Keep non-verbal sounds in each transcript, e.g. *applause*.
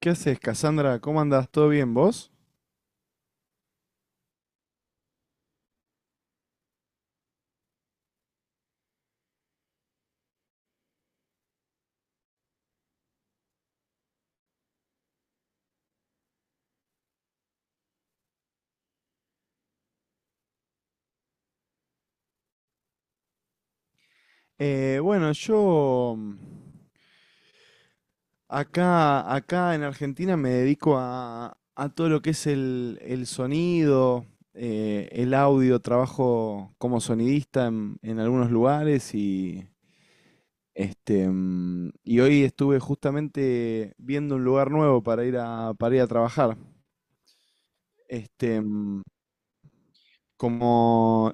¿Qué haces, Cassandra? ¿Cómo andas? ¿Todo bien vos? Bueno, yo acá en Argentina me dedico a todo lo que es el sonido, el audio, trabajo como sonidista en algunos lugares y, y hoy estuve justamente viendo un lugar nuevo para ir a trabajar. Este, mm, como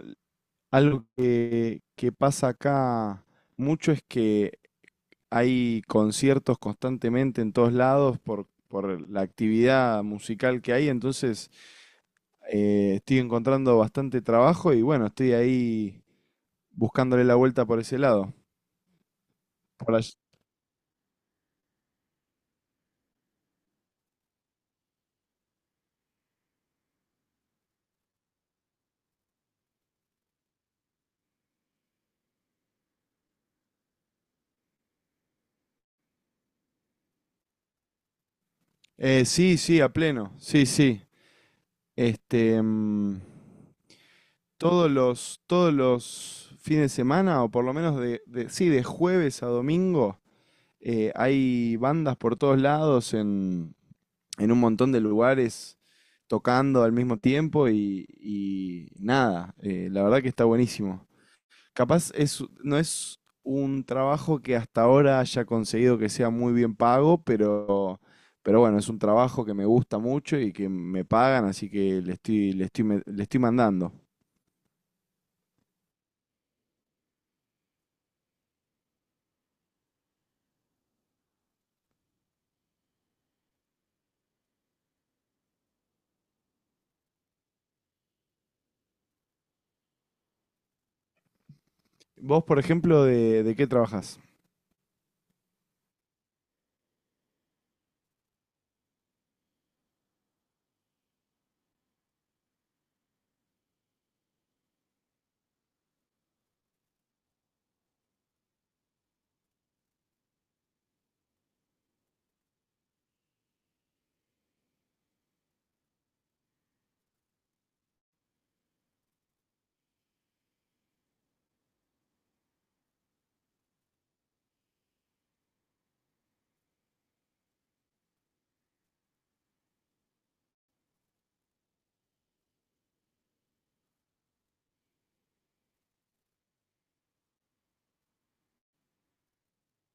algo que pasa acá mucho es que hay conciertos constantemente en todos lados por la actividad musical que hay. Entonces estoy encontrando bastante trabajo y bueno, estoy ahí buscándole la vuelta por ese lado. Por allí- sí, sí, a pleno, sí, sí. Este, mm, todos los fines de semana, o por lo menos sí, de jueves a domingo, hay bandas por todos lados en un montón de lugares tocando al mismo tiempo y nada, la verdad que está buenísimo. Capaz es, no es un trabajo que hasta ahora haya conseguido que sea muy bien pago, pero bueno, es un trabajo que me gusta mucho y que me pagan, así que le estoy mandando. Vos, por ejemplo, ¿de qué trabajás?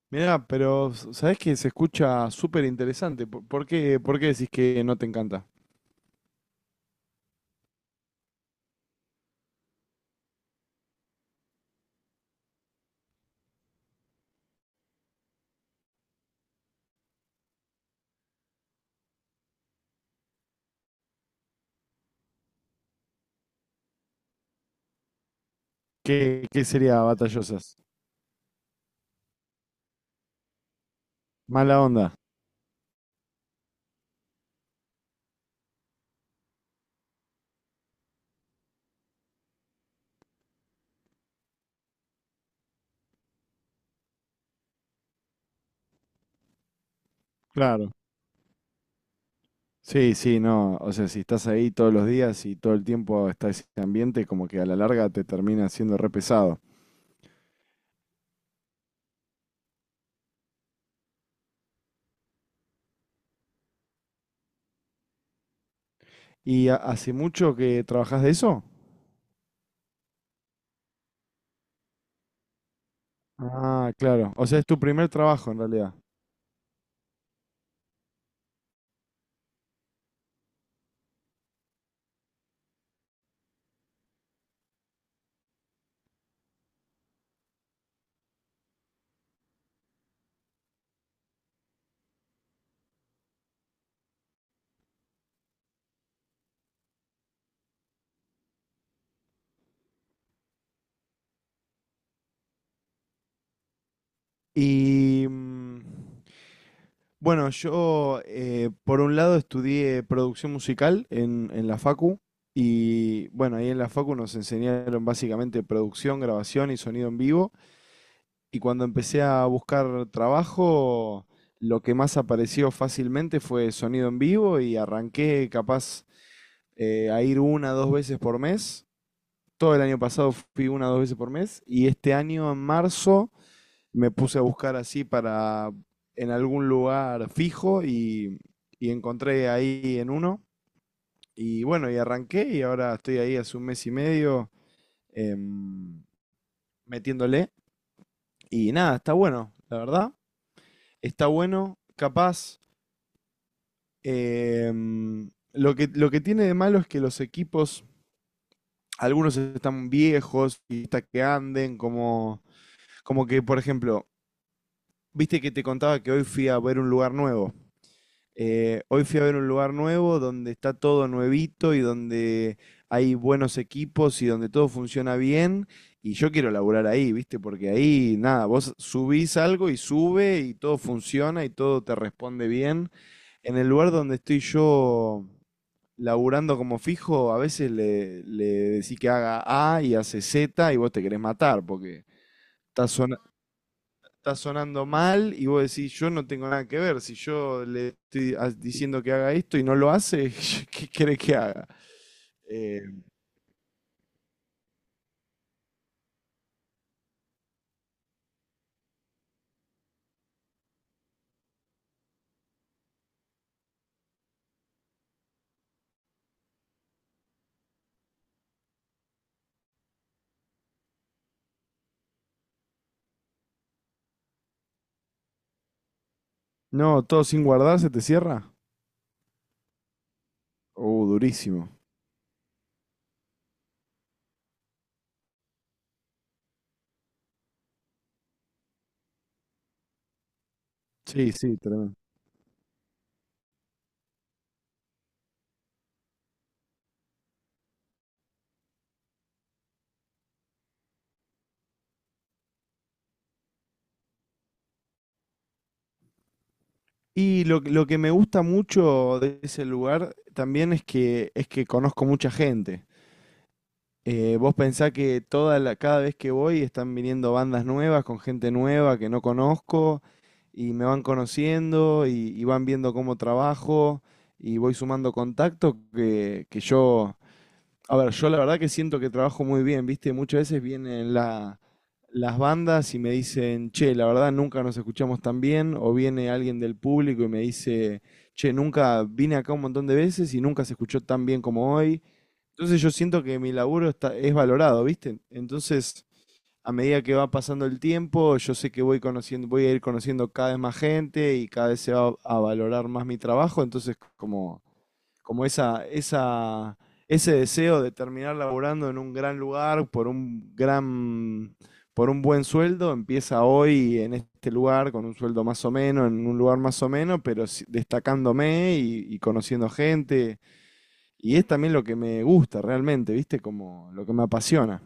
Mirá, pero sabés que se escucha súper interesante. ¿Por qué decís que no te encanta? ¿Qué sería batallosas? Mala onda, claro. Sí, sí, no. O sea, si estás ahí todos los días y todo el tiempo está ese ambiente, como que a la larga te termina siendo re pesado. ¿Y hace mucho que trabajás de eso? Ah, claro. O sea, es tu primer trabajo en realidad. Y bueno, yo por un lado estudié producción musical en la Facu. Y bueno, ahí en la Facu nos enseñaron básicamente producción, grabación y sonido en vivo. Y cuando empecé a buscar trabajo, lo que más apareció fácilmente fue sonido en vivo y arranqué capaz a ir una dos veces por mes. Todo el año pasado fui una dos veces por mes y este año en marzo me puse a buscar así para en algún lugar fijo y encontré ahí en uno. Y bueno, y arranqué y ahora estoy ahí hace un mes y medio em, metiéndole. Y nada, está bueno, la verdad. Está bueno, capaz. Lo que, lo que tiene de malo es que los equipos, algunos están viejos y está que anden, como, como que, por ejemplo, viste que te contaba que hoy fui a ver un lugar nuevo. Hoy fui a ver un lugar nuevo donde está todo nuevito y donde hay buenos equipos y donde todo funciona bien. Y yo quiero laburar ahí, ¿viste? Porque ahí, nada, vos subís algo y sube y todo funciona y todo te responde bien. En el lugar donde estoy yo laburando como fijo, a veces le decís que haga A y hace Z y vos te querés matar porque está, sona- está sonando mal. Y vos decís, yo no tengo nada que ver. Si yo le estoy diciendo que haga esto y no lo hace, *laughs* ¿qué querés que haga? Eh, no, todo sin guardar se te cierra. Durísimo. Sí, sí, tremendo. Y lo que me gusta mucho de ese lugar también es que conozco mucha gente. Vos pensás que toda la, cada vez que voy están viniendo bandas nuevas con gente nueva que no conozco y me van conociendo y van viendo cómo trabajo y voy sumando contactos que yo, a ver, yo la verdad que siento que trabajo muy bien, ¿viste? Muchas veces vienen las bandas y me dicen, che, la verdad nunca nos escuchamos tan bien, o viene alguien del público y me dice, che, nunca vine acá un montón de veces y nunca se escuchó tan bien como hoy. Entonces yo siento que mi laburo está, es valorado, ¿viste? Entonces, a medida que va pasando el tiempo, yo sé que voy conociendo, voy a ir conociendo cada vez más gente y cada vez se va a valorar más mi trabajo. Entonces, como, como ese deseo de terminar laburando en un gran lugar por un gran, por un buen sueldo, empieza hoy en este lugar, con un sueldo más o menos, en un lugar más o menos, pero destacándome y conociendo gente. Y es también lo que me gusta realmente, ¿viste? Como lo que me apasiona.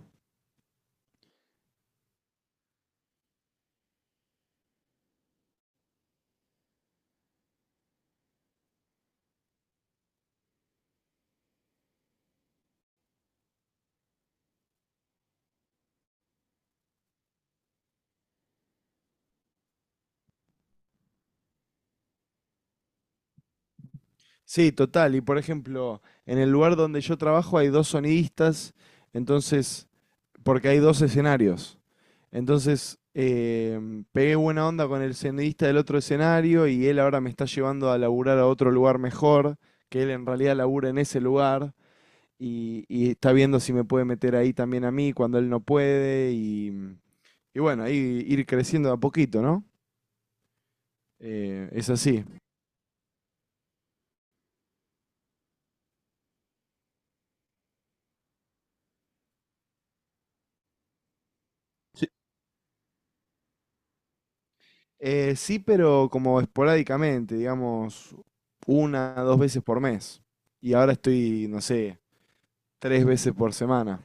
Sí, total. Y por ejemplo, en el lugar donde yo trabajo hay dos sonidistas, entonces, porque hay dos escenarios. Entonces, pegué buena onda con el sonidista del otro escenario y él ahora me está llevando a laburar a otro lugar mejor, que él en realidad labura en ese lugar y está viendo si me puede meter ahí también a mí cuando él no puede y bueno, ahí ir creciendo de a poquito, ¿no? Es así. Sí, sí, pero como esporádicamente, digamos, una, dos veces por mes. Y ahora estoy, no sé, tres veces por semana.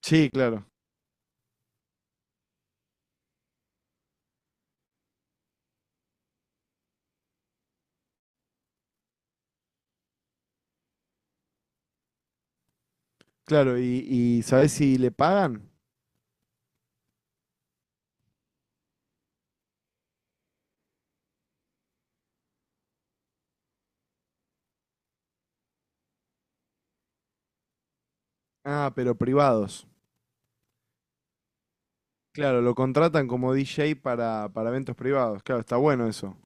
Sí, claro, claro. Y sabés si le pagan? Ah, pero privados. Claro, lo contratan como DJ para eventos privados. Claro, está bueno eso.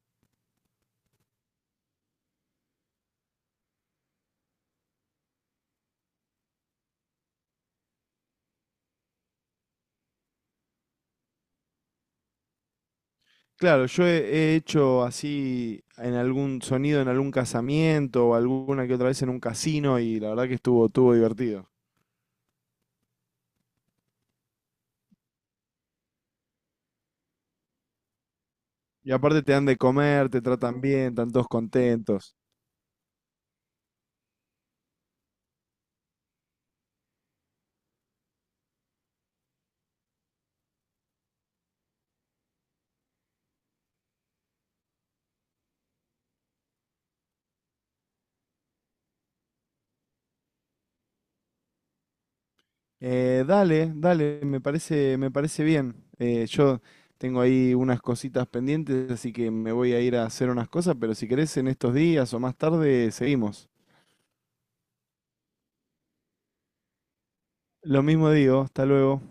Claro, yo he, he hecho así en algún sonido, en algún casamiento o alguna que otra vez en un casino y la verdad que estuvo, estuvo divertido. Y aparte te dan de comer, te tratan bien, están todos contentos. Dale, dale, me parece bien. Yo tengo ahí unas cositas pendientes, así que me voy a ir a hacer unas cosas, pero si querés en estos días o más tarde, seguimos. Lo mismo digo, hasta luego.